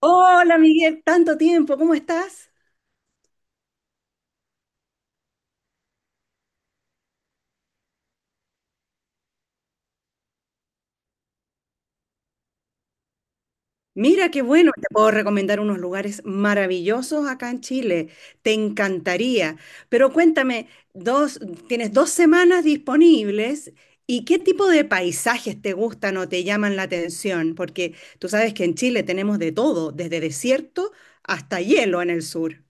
Hola Miguel, tanto tiempo, ¿cómo estás? Mira qué bueno, te puedo recomendar unos lugares maravillosos acá en Chile, te encantaría. Pero cuéntame, dos, tienes 2 semanas disponibles y qué tipo de paisajes te gustan o te llaman la atención, porque tú sabes que en Chile tenemos de todo, desde desierto hasta hielo en el sur.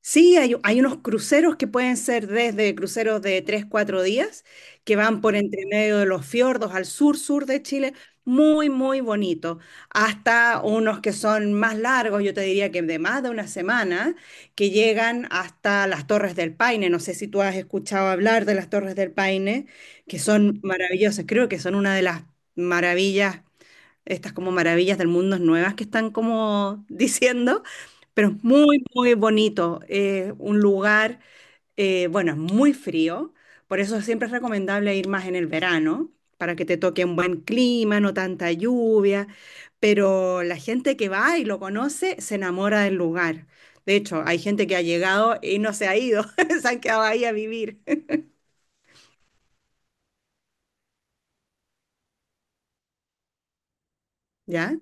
Sí, hay unos cruceros que pueden ser desde cruceros de 3 4 días, que van por entre medio de los fiordos al sur, sur de Chile, muy, muy bonito, hasta unos que son más largos, yo te diría que de más de una semana, que llegan hasta las Torres del Paine. No sé si tú has escuchado hablar de las Torres del Paine, que son maravillosas, creo que son una de las maravillas, estas como maravillas del mundo nuevas que están como diciendo, pero es muy, muy bonito. Un lugar, bueno, es muy frío, por eso siempre es recomendable ir más en el verano, para que te toque un buen clima, no tanta lluvia, pero la gente que va y lo conoce se enamora del lugar. De hecho, hay gente que ha llegado y no se ha ido, se han quedado ahí a vivir. ¿Ya?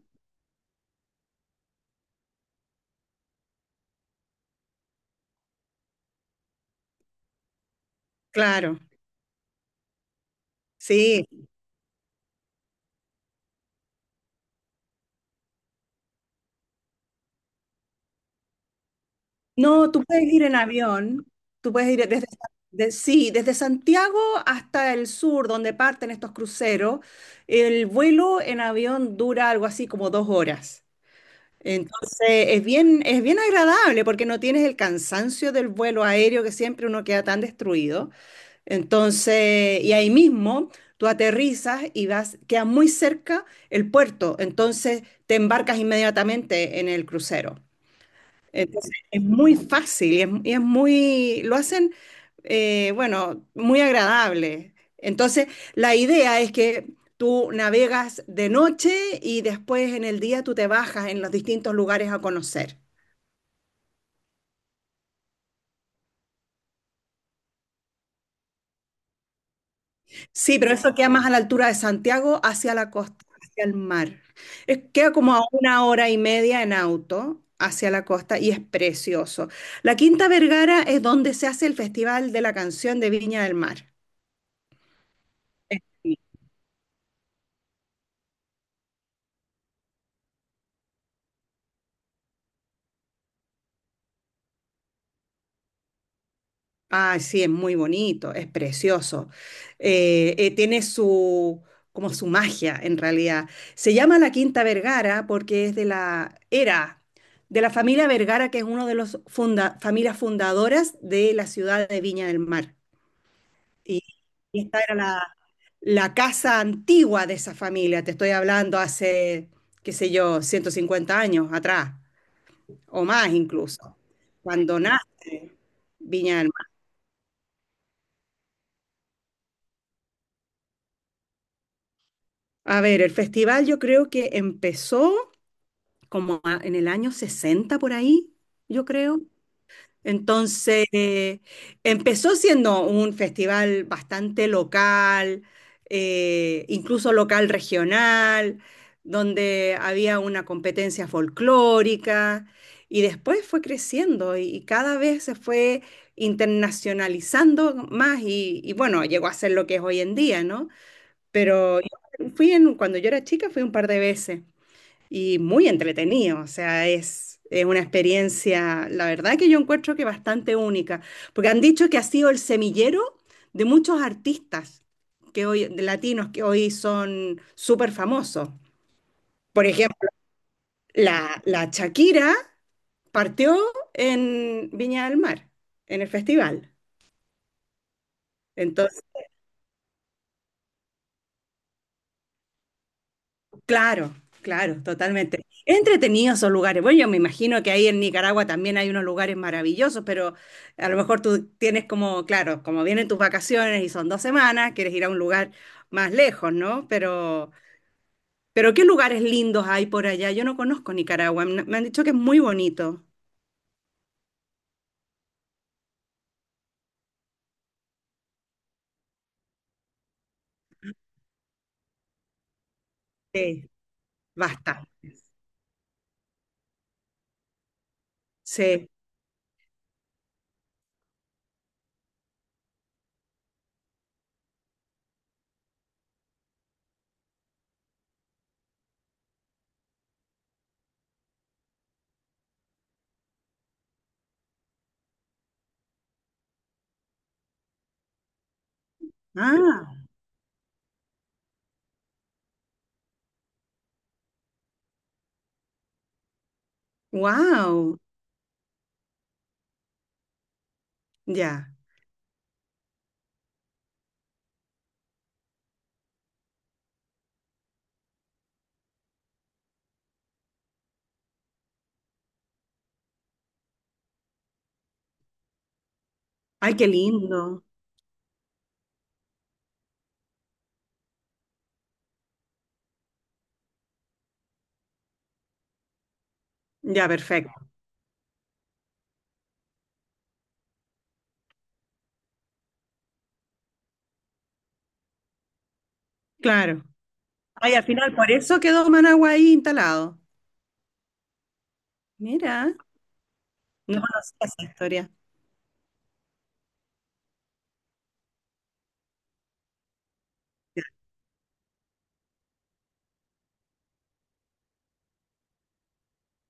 Claro, sí. No, tú puedes ir en avión, tú puedes ir sí, desde Santiago hasta el sur, donde parten estos cruceros. El vuelo en avión dura algo así como 2 horas. Entonces, es bien agradable porque no tienes el cansancio del vuelo aéreo que siempre uno queda tan destruido. Entonces, y ahí mismo tú aterrizas y vas, queda muy cerca el puerto. Entonces, te embarcas inmediatamente en el crucero. Entonces es muy fácil y es muy, lo hacen, bueno, muy agradable. Entonces la idea es que tú navegas de noche y después en el día tú te bajas en los distintos lugares a conocer. Sí, pero eso queda más a la altura de Santiago, hacia la costa, hacia el mar. Queda como a una hora y media en auto hacia la costa y es precioso. La Quinta Vergara es donde se hace el Festival de la Canción de Viña del Mar. Ah, sí, es muy bonito, es precioso. Tiene como su magia en realidad. Se llama la Quinta Vergara porque es era de la familia Vergara, que es una de las familias fundadoras de la ciudad de Viña del Mar. Y, y esta era la casa antigua de esa familia, te estoy hablando hace, qué sé yo, 150 años atrás, o más incluso, cuando nace Viña del Mar. A ver, el festival yo creo que empezó como en el año 60 por ahí, yo creo. Entonces, empezó siendo un festival bastante local, incluso local regional, donde había una competencia folclórica y después fue creciendo y cada vez se fue internacionalizando más y bueno, llegó a ser lo que es hoy en día, ¿no? Pero yo cuando yo era chica fui un par de veces y muy entretenido, o sea, es una experiencia, la verdad que yo encuentro que bastante única, porque han dicho que ha sido el semillero de muchos artistas que hoy, de latinos que hoy son súper famosos. Por ejemplo, la Shakira partió en Viña del Mar, en el festival. Entonces, claro, claro, totalmente. Entretenido esos lugares. Bueno, yo me imagino que ahí en Nicaragua también hay unos lugares maravillosos, pero a lo mejor tú tienes como, claro, como vienen tus vacaciones y son 2 semanas, quieres ir a un lugar más lejos, ¿no? Pero ¿qué lugares lindos hay por allá? Yo no conozco Nicaragua. Me han dicho que es muy bonito. Sí, basta. Sí. Ah, wow. Ya. Ay, qué lindo. Ya, perfecto. Claro. Ay, al final por eso quedó Managua ahí instalado. Mira. No conocía esa historia.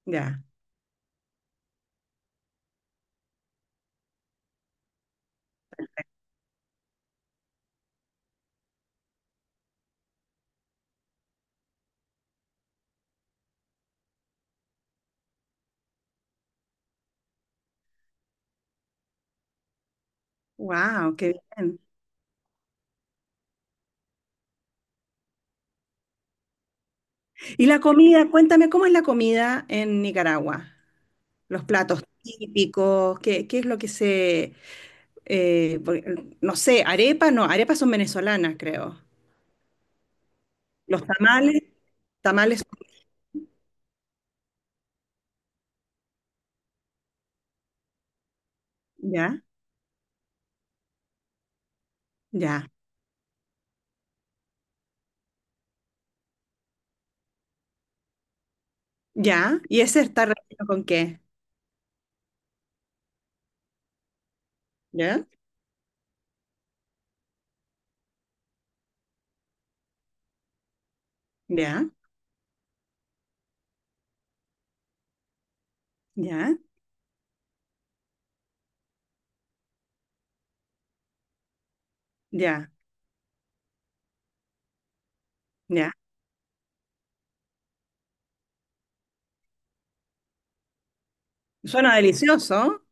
Ya. Wow, qué bien. Y la comida, cuéntame cómo es la comida en Nicaragua. Los platos típicos, qué es lo que se, eh, por- no sé, arepas, no, arepas son venezolanas, creo. Los tamales, tamales, ya, ya, ya. ¿Y ese está relleno con qué? Ya, ya, ya, ya, ya. Suena delicioso.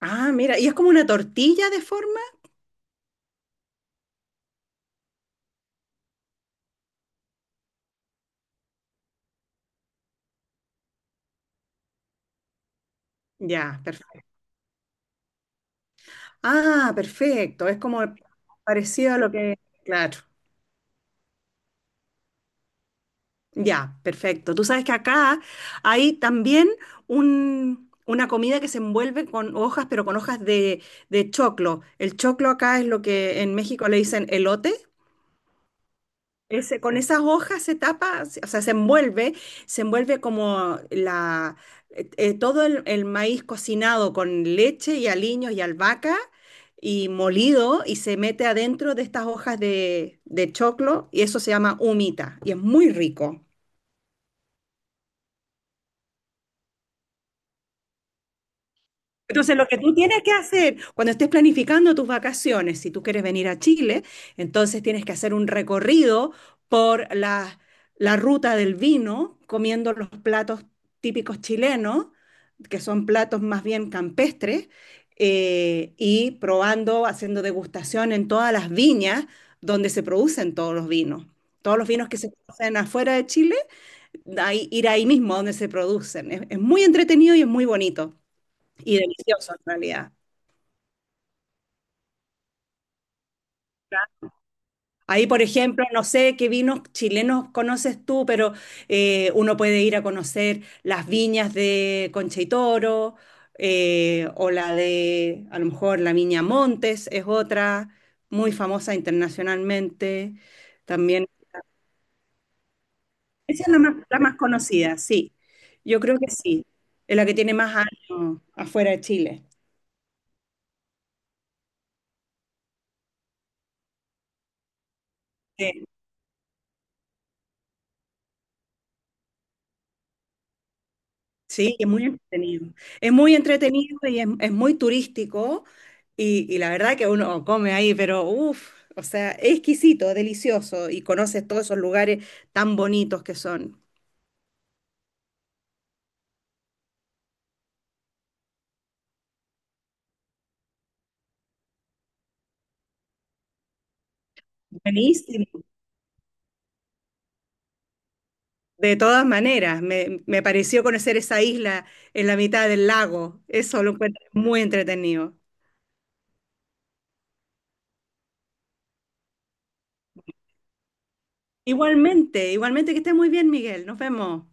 Ah, mira, y es como una tortilla de forma. Ya, perfecto. Ah, perfecto. Es como parecido a lo que... Claro. Ya, perfecto. Tú sabes que acá hay también una comida que se envuelve con hojas, pero con hojas de choclo. El choclo acá es lo que en México le dicen elote. Ese, con esas hojas se tapa, o sea, se envuelve todo el maíz cocinado con leche y aliños y albahaca y molido y se mete adentro de estas hojas de choclo y eso se llama humita y es muy rico. Entonces, lo que tú tienes que hacer cuando estés planificando tus vacaciones, si tú quieres venir a Chile, entonces tienes que hacer un recorrido por la ruta del vino, comiendo los platos típicos chilenos, que son platos más bien campestres, y probando, haciendo degustación en todas las viñas donde se producen todos los vinos. Todos los vinos que se producen afuera de Chile, ir ahí mismo donde se producen. Es muy entretenido y es muy bonito y delicioso en realidad. Ahí, por ejemplo, no sé qué vinos chilenos conoces tú, pero uno puede ir a conocer las viñas de Concha y Toro, o la de, a lo mejor, la Viña Montes es otra, muy famosa internacionalmente. También, esa es la más conocida, sí. Yo creo que sí. Es la que tiene más años afuera de Chile. Sí. Sí, es muy entretenido. Es muy entretenido y es muy turístico. Y la verdad que uno come ahí, pero uff, o sea, es exquisito, delicioso. Y conoces todos esos lugares tan bonitos que son. Buenísimo. De todas maneras, me pareció conocer esa isla en la mitad del lago. Eso lo encuentro muy entretenido. Igualmente, igualmente que estés muy bien, Miguel. Nos vemos.